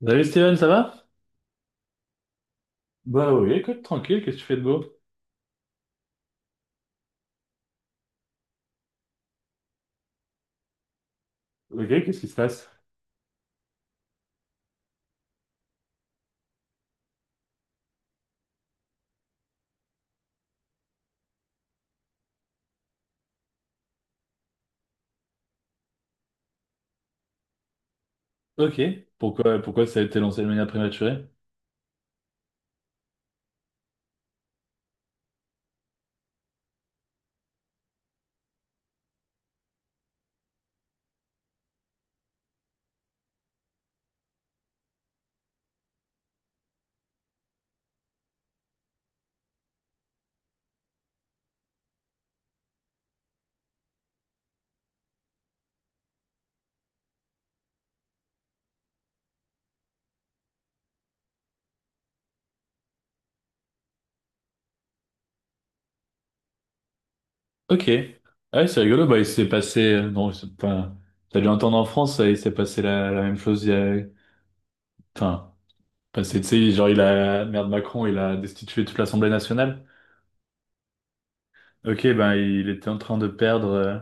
Salut Steven, ça va? Bah oui, écoute, tranquille, qu'est-ce que tu fais de beau? Ok, qu'est-ce qui se passe? Ok. Pourquoi ça a été lancé de manière prématurée? Ok. Ah ouais, c'est rigolo. Bah, il s'est passé. Non, c'est- enfin, t'as dû entendre en France, il s'est passé la même chose. Il y a... Enfin, passé, tu sais, genre, il a. Merde, Macron, il a destitué toute l'Assemblée nationale. Ok, ben, il était en train de perdre,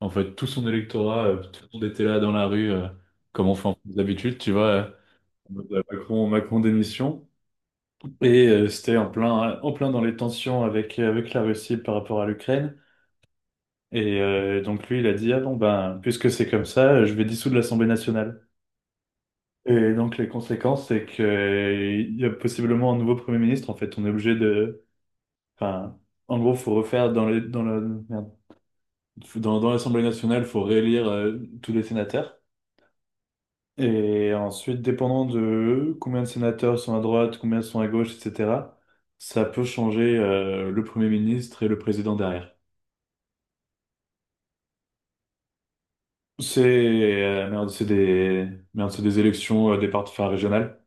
en fait, tout son électorat. Tout le monde était là dans la rue, comme on fait en France d'habitude, tu vois. En mode, Macron, Macron démission. Et c'était en plein dans les tensions avec la Russie par rapport à l'Ukraine. Et donc lui, il a dit, ah bon, ben, puisque c'est comme ça, je vais dissoudre l'Assemblée nationale. Et donc les conséquences, c'est que il y a possiblement un nouveau Premier ministre. En fait, on est obligé de... Enfin, en gros, faut refaire dans les, dans la, merde. Faut- dans l'Assemblée nationale, faut réélire tous les sénateurs. Et ensuite, dépendant de combien de sénateurs sont à droite, combien sont à gauche, etc., ça peut changer le Premier ministre et le président derrière. C'est merde, merde, c'est des élections des partis enfin, régionales.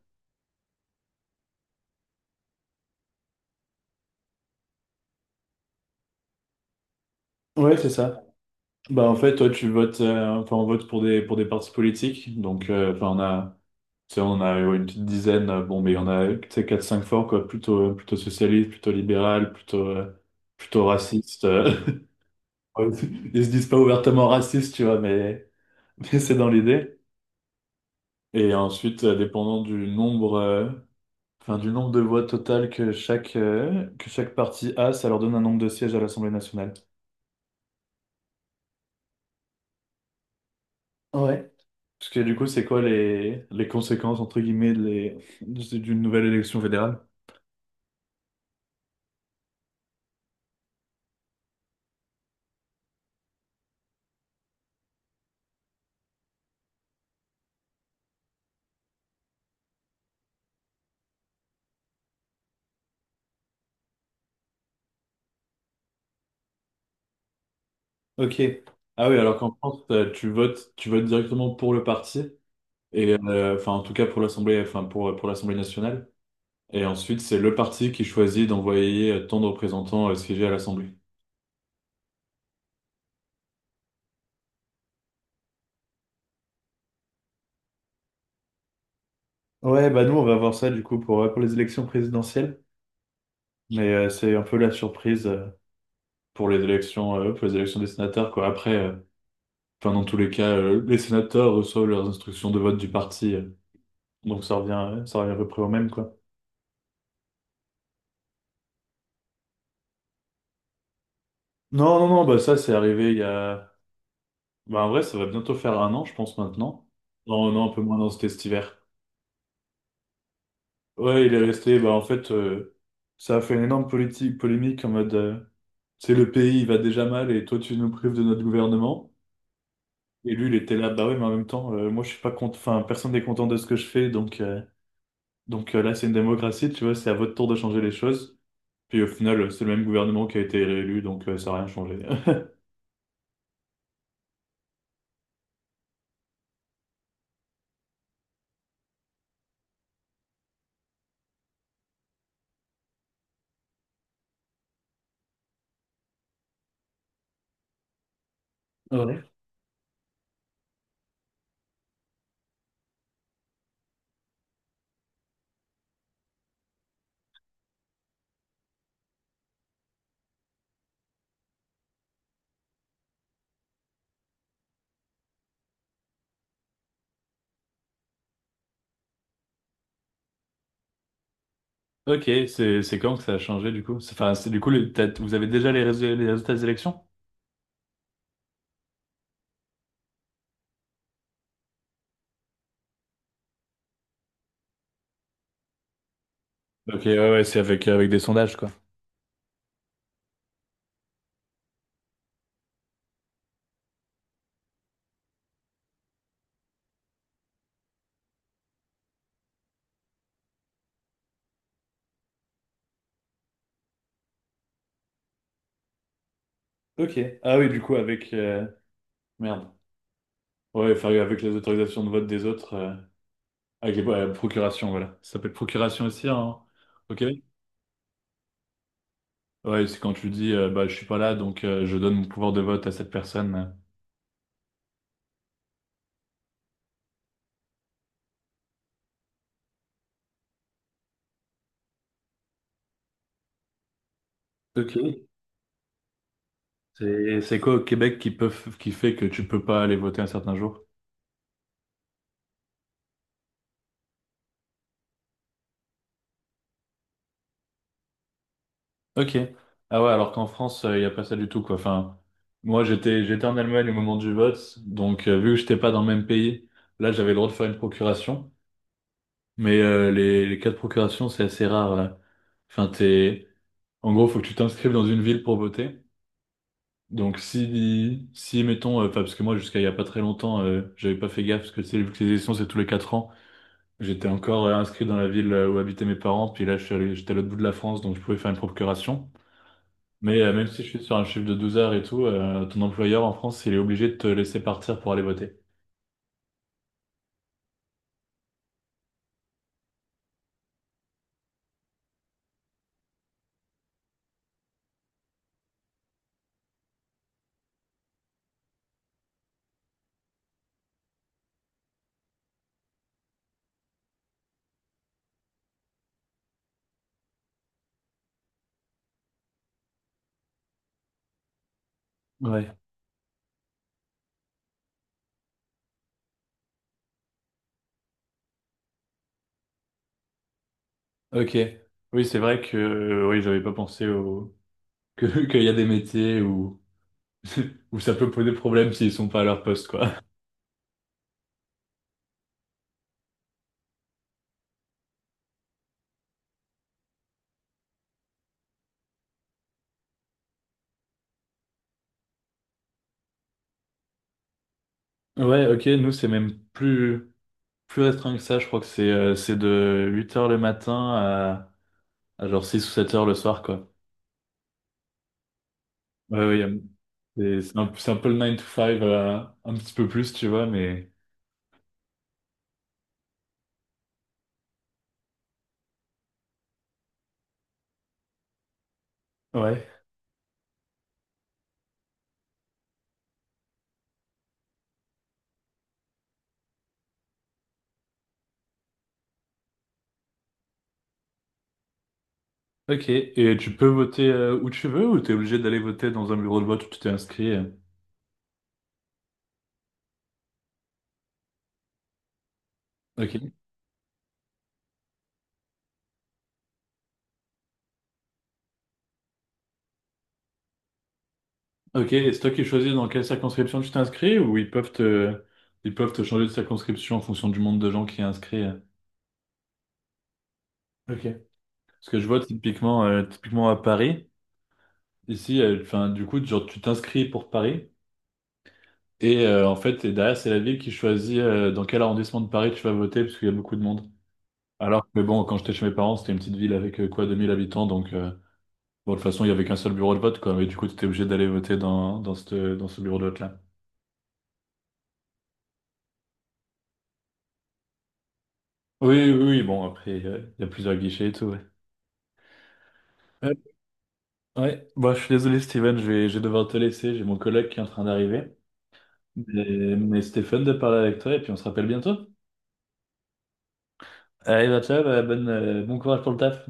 Ouais, c'est ça. Bah en fait, toi, tu votes, enfin on vote pour des partis politiques. Donc enfin on a, tu sais, on a ouais, une petite dizaine. Bon, mais il y en a, tu sais, quatre cinq forts quoi, plutôt socialiste, plutôt libéral, plutôt plutôt raciste. Ouais, ils se disent pas ouvertement racistes, tu vois, mais, mais c'est dans l'idée. Et ensuite, dépendant du nombre, enfin, du nombre de voix totales que chaque parti a, ça leur donne un nombre de sièges à l'Assemblée nationale. Ouais. Parce que du coup, c'est quoi les conséquences, entre guillemets, de d'une nouvelle élection fédérale? Ok. Ah oui, alors qu'en France, tu votes directement pour le parti, et enfin, en tout cas pour l'Assemblée, enfin, pour l'Assemblée nationale. Et ensuite, c'est le parti qui choisit d'envoyer tant de représentants siéger à l'Assemblée. Ouais, bah nous, on va voir ça du coup pour les élections présidentielles. Mais c'est un peu la surprise pour les élections des sénateurs, quoi. Après, enfin, dans tous les cas, les sénateurs reçoivent leurs instructions de vote du parti, donc ça revient à peu près au même, quoi. Non, non, non, bah ça, c'est arrivé il y a... Bah, en vrai, ça va bientôt faire un an, je pense, maintenant. Non, non, un peu moins, dans c'était cet hiver. Ouais, il est resté, bah en fait, ça a fait une énorme polémique en mode... Tu sais, le pays, il va déjà mal et toi, tu nous prives de notre gouvernement. Et lui, il était là, bah ouais, mais en même temps, moi, je suis pas content, enfin, personne n'est content de ce que je fais, là, c'est une démocratie, tu vois, c'est à votre tour de changer les choses. Puis au final, c'est le même gouvernement qui a été réélu, donc ça n'a rien changé. Ouais. Ok, c'est quand que ça a changé du coup? C'est- Enfin, c'est du coup, le- t'as- vous avez déjà les résultats des élections? Ok, ouais, ouais, c'est avec, avec des sondages, quoi. Ok. Ah oui, du coup, avec... merde. Ouais, enfin, avec les autorisations de vote des autres. Avec les ouais, procuration, voilà. Ça s'appelle procuration aussi, hein, au Québec? Ouais, c'est quand tu dis, bah, je suis pas là, donc je donne mon pouvoir de vote à cette personne. Ok. C'est quoi au Québec qui peut, f- qui fait que tu peux pas aller voter un certain jour? Ok. Ah ouais, alors qu'en France, il n'y a pas ça du tout, quoi. Enfin, moi, j'étais en Allemagne au moment du vote, donc vu que j'étais pas dans le même pays, là, j'avais le droit de faire une procuration. Mais les cas de procuration, c'est assez rare, là. Enfin, t'es... En gros, faut que tu t'inscrives dans une ville pour voter. Donc si, si mettons, enfin parce que moi jusqu'à il y a pas très longtemps, j'avais pas fait gaffe parce que tu sais, vu que les élections c'est tous les quatre ans, j'étais encore inscrit dans la ville où habitaient mes parents, puis là je suis allé- j'étais à l'autre bout de la France donc je pouvais faire une procuration. Mais même si je suis sur un chiffre de 12 heures et tout, ton employeur en France il est obligé de te laisser partir pour aller voter. Ouais. Ok. Oui c'est vrai que oui j'avais pas pensé au que qu'il y a des métiers où où ça peut poser problème s'ils sont pas à leur poste quoi. Ouais, ok, nous c'est même plus. Plus restreint que ça, je crois que c'est de huit heures le matin à genre 6 ou sept heures le soir, quoi. Ouais, c'est c'est un peu le 9 to 5, un petit peu plus, tu vois, mais... Ouais. Ok, et tu peux voter où tu veux ou t'es obligé d'aller voter dans un bureau de vote où tu t'es inscrit? Ok. Ok, et c'est toi qui choisis dans quelle circonscription tu t'inscris ou ils peuvent ils peuvent te changer de circonscription en fonction du nombre de gens qui est inscrit? Ok. Parce que je vois typiquement, typiquement à Paris. Ici, enfin, du coup, genre, tu t'inscris pour Paris et en fait, et derrière, c'est la ville qui choisit dans quel arrondissement de Paris tu vas voter parce qu'il y a beaucoup de monde. Alors que bon, quand j'étais chez mes parents, c'était une petite ville avec quoi, 2000 habitants, donc bon, de toute façon, il y avait qu'un seul bureau de vote, quoi. Mais du coup, tu étais obligé d'aller voter dans, dans, dans ce bureau de vote-là. Oui, oui, oui, bon, après, il y a plusieurs guichets et tout, ouais. Euh, ouais, bon, je suis désolé, Steven, je vais devoir te laisser, j'ai mon collègue qui est en train d'arriver. Mais, mais c'était fun de parler avec toi et puis on se rappelle bientôt. Allez, bah, ciao, bah, bonne, bon courage pour le taf.